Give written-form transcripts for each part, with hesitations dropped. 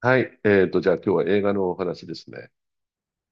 はい。じゃあ今日は映画のお話ですね。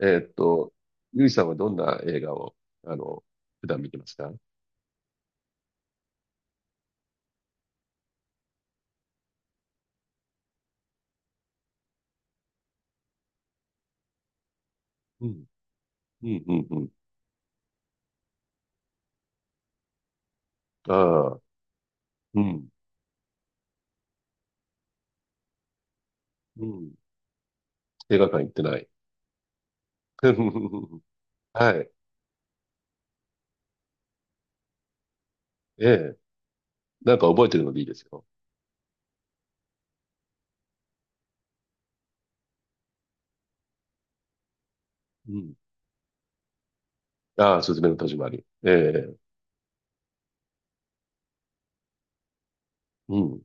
えっと、ゆいさんはどんな映画を、あの、普段見てますか？うん。うん、うん、うん。ああ、うん、うん。映画館行ってない。はい。ええ。なんか覚えてるのでいいですよ。うん。ああ、すずめの戸締まり。ええ。うん。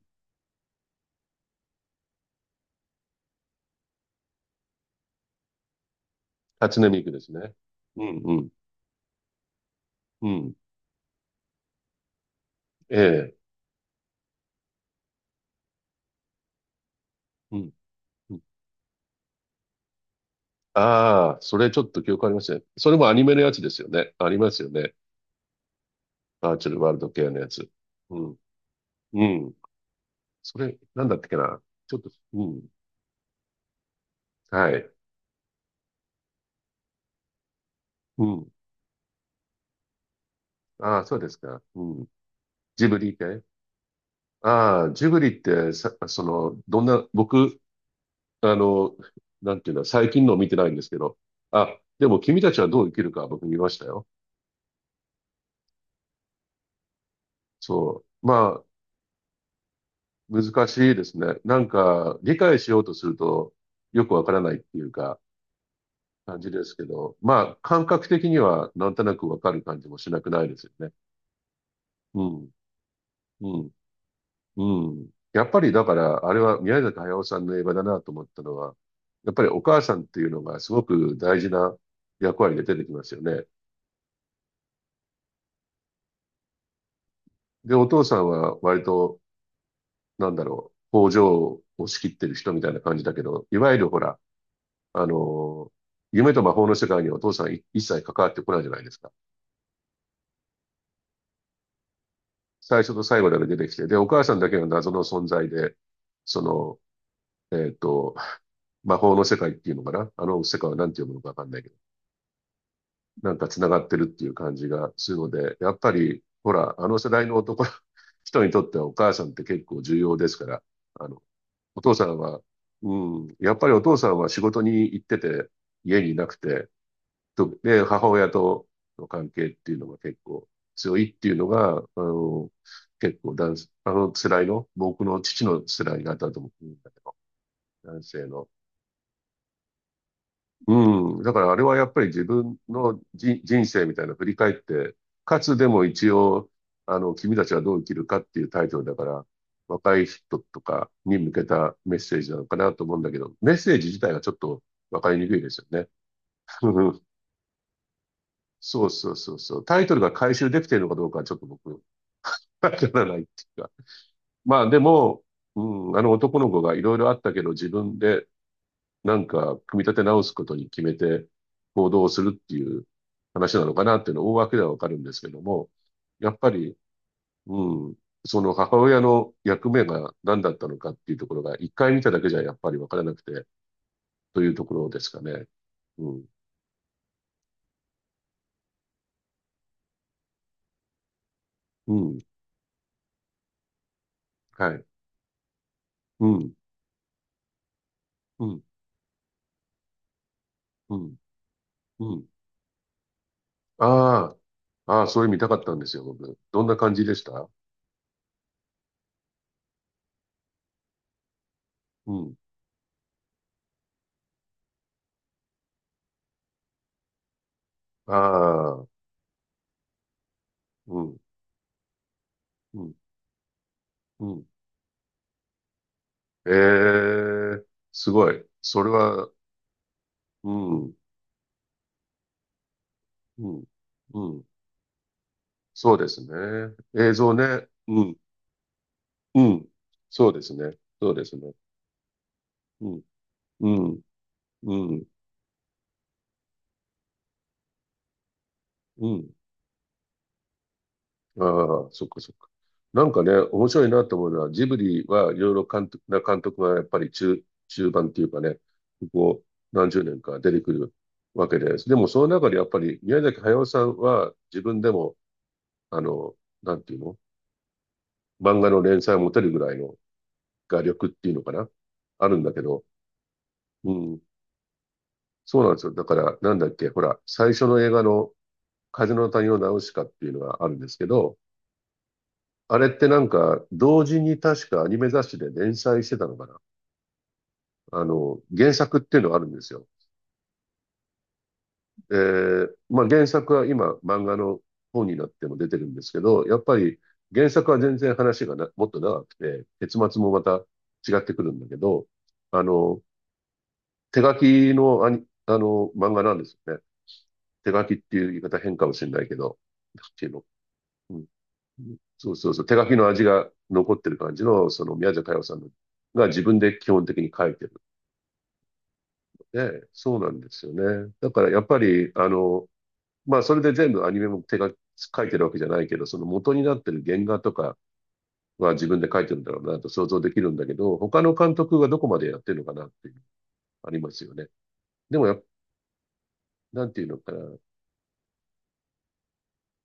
初音ミクですね。うん、うん、うん。ええ。うん。うん。ああ、それちょっと記憶ありません。それもアニメのやつですよね。ありますよね。バーチャルワールド系のやつ。うん。うん。それ、なんだったっけな。ちょっと、うん。はい。うん。ああ、そうですか。うん。ジブリって、ああ、ジブリってさ、その、どんな、僕、あの、なんていうの、最近のを見てないんですけど。あ、でも君たちはどう生きるか僕見ましたよ。そう。まあ、難しいですね。なんか、理解しようとすると、よくわからないっていうか、感じですけど、まあ、感覚的にはなんとなくわかる感じもしなくないですよね。うん。うん。うん。やっぱりだから、あれは宮崎駿さんの映画だなと思ったのは、やっぱりお母さんっていうのがすごく大事な役割で出てきますよね。で、お父さんは割と、なんだろう、工場を仕切ってる人みたいな感じだけど、いわゆるほら、あの、夢と魔法の世界にお父さんい一切関わってこないじゃないですか。最初と最後だけ出てきて、で、お母さんだけが謎の存在で、その、えっと、魔法の世界っていうのかな、あの世界は何て読むのかわかんないけど、なんか繋がってるっていう感じがするので、やっぱり、ほら、あの世代の男、人にとってはお母さんって結構重要ですから、あの、お父さんは、うん、やっぱりお父さんは仕事に行ってて、家にいなくて、とで、母親との関係っていうのが結構強いっていうのが、結構男、あの世代の、僕の父の世代だったと思うんだけど、男性の、うん。だからあれはやっぱり自分のじ人生みたいな振り返って、かつでも一応、君たちはどう生きるかっていうタイトルだから、若い人とかに向けたメッセージなのかなと思うんだけど、メッセージ自体がちょっとわかりにくいですよね。そうそうそうそう。タイトルが回収できているのかどうかはちょっと僕、わからないっていうか。まあでも、うん、あの男の子がいろいろあったけど、自分でなんか、組み立て直すことに決めて行動をするっていう話なのかなっていうのは大枠ではわかるんですけども、やっぱり、うん、その母親の役目が何だったのかっていうところが、一回見ただけじゃやっぱりわからなくて、というところですかね。うん、うん、はい。うん、うん、うん、うん。ああ、ああ、そういう見たかったんですよ、僕。どんな感じでした？うん。ああ、うん、うん、うん。ええ、すごい。それは、うん、うん、うん。そうですね。映像ね。うん、うん。そうですね。そうですね。うん、うん、うん、うん。ああ、そっかそっか。なんかね、面白いなと思うのは、ジブリはいろいろ監督、な監督がやっぱり中、中盤っていうかね、ここ何十年か出てくるわけです。でもその中でやっぱり宮崎駿さんは自分でも、あの、なんていうの、漫画の連載を持てるぐらいの画力っていうのかな、あるんだけど、うん。そうなんですよ。だから、なんだっけ、ほら、最初の映画の風の谷のナウシカっていうのがあるんですけど、あれってなんか、同時に確かアニメ雑誌で連載してたのかな。原作っていうのがあるんですよ。えー、まあ原作は今、漫画の本になっても出てるんですけど、やっぱり原作は全然話がな、もっと長くて、結末もまた違ってくるんだけど、あの、手書きのアニ、あの、漫画なんですよね。手書きっていう言い方変かもしれないけど、なんていうの。うん、そうそうそう、手書きの味が残ってる感じの、その宮崎駿さんのが自分で基本的に書いてるので、そうなんですよね。だからやっぱり、まあそれで全部アニメも手が書いてるわけじゃないけど、その元になってる原画とかは自分で書いてるんだろうなと想像できるんだけど、他の監督がどこまでやってるのかなっていう、ありますよね。でもやっ、なんていうのかな。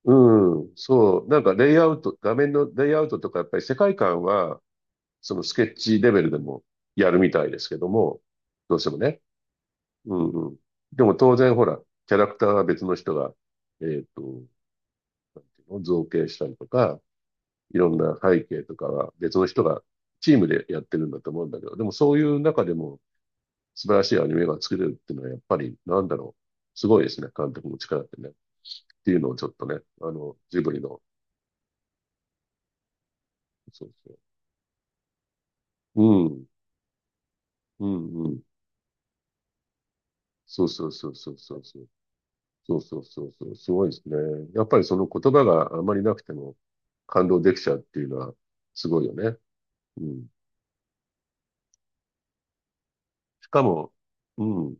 うん、そう、なんかレイアウト、画面のレイアウトとかやっぱり世界観はそのスケッチレベルでもやるみたいですけども、どうしてもね。うんうん。でも当然ほら、キャラクターは別の人が、えっと、造形したりとか、いろんな背景とかは別の人がチームでやってるんだと思うんだけど、でもそういう中でも素晴らしいアニメが作れるっていうのはやっぱりなんだろう。すごいですね。監督の力ってね。っていうのをちょっとね、ジブリの、そうそう。うん、うん、うん。そうそうそうそうそうそう。そうそうそうそう、すごいですね。やっぱりその言葉があまりなくても感動できちゃうっていうのはすごいよね。うん。しかも、うん。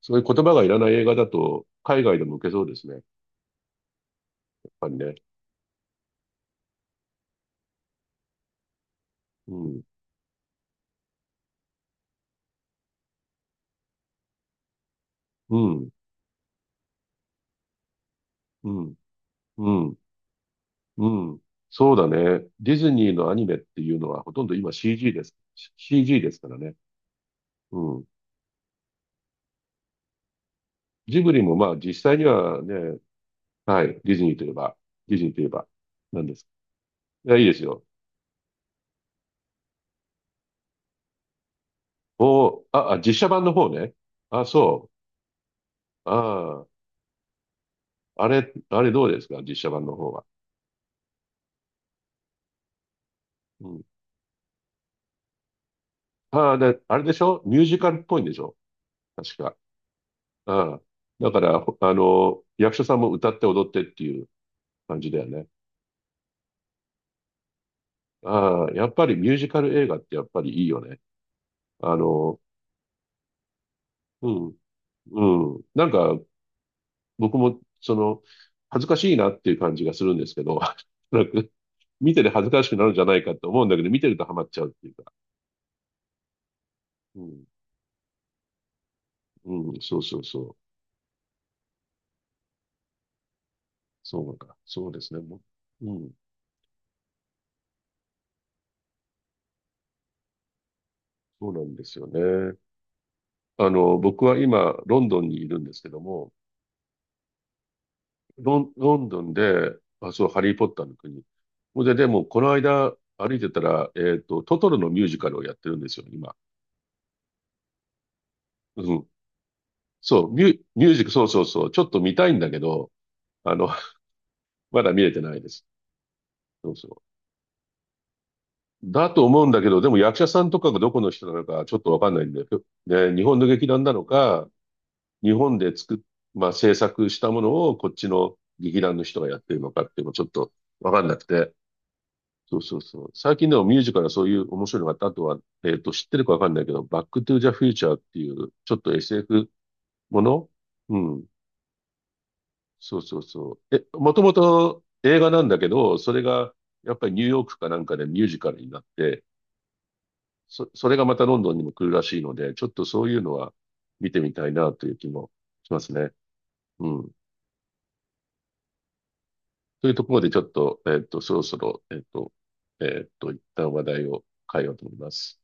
そういう言葉がいらない映画だと海外でも受けそうですね。やっぱりね。うん。うん。うん。うん。うん。そうだね。ディズニーのアニメっていうのはほとんど今 CG です。CG ですからね。うん。ジブリもまあ実際にはね、はい。ディズニーといえば、ディズニーといえば、なんです。いや、いいですよ。おー、あ、あ、実写版の方ね。あ、そう。ああ、あれ、あれどうですか実写版の方は？うん。ああ、で、あれでしょミュージカルっぽいんでしょ確か。ああ。だから、ほあの、役者さんも歌って踊ってっていう感じだよね。ああ、やっぱりミュージカル映画ってやっぱりいいよね。あの、うん、うん。なんか、僕も、その、恥ずかしいなっていう感じがするんですけど、なんか、見てて恥ずかしくなるんじゃないかと思うんだけど、見てるとハマっちゃうっていうか。うんうん、そうそうそう。そうか。そうですね。も、うん。そうなんですよね。僕は今、ロンドンにいるんですけども、ロン、ロンドンで、あ、そう、ハリー・ポッターの国。ほんで、でも、この間、歩いてたら、トトロのミュージカルをやってるんですよ、今。うん。そう、ミュ、ミュージック、そうそうそう。ちょっと見たいんだけど、あの、まだ見れてないです。そうそう。だと思うんだけど、でも役者さんとかがどこの人なのか、ちょっとわかんないんで、ね、日本の劇団なのか、日本で作っ、まあ、制作したものをこっちの劇団の人がやってるのかっていうのもちょっとわかんなくて。そうそうそう。最近でもミュージカルはそういう面白いのがあった。あとは、知ってるかわかんないけど、バックトゥザフューチャーっていう、ちょっと SF もの、うん。そうそうそう。え、もともと映画なんだけど、それが、やっぱりニューヨークかなんかでミュージカルになって、そ、それがまたロンドンにも来るらしいので、ちょっとそういうのは見てみたいなという気もしますね。うん。というところでちょっと、そろそろ、一旦話題を変えようと思います。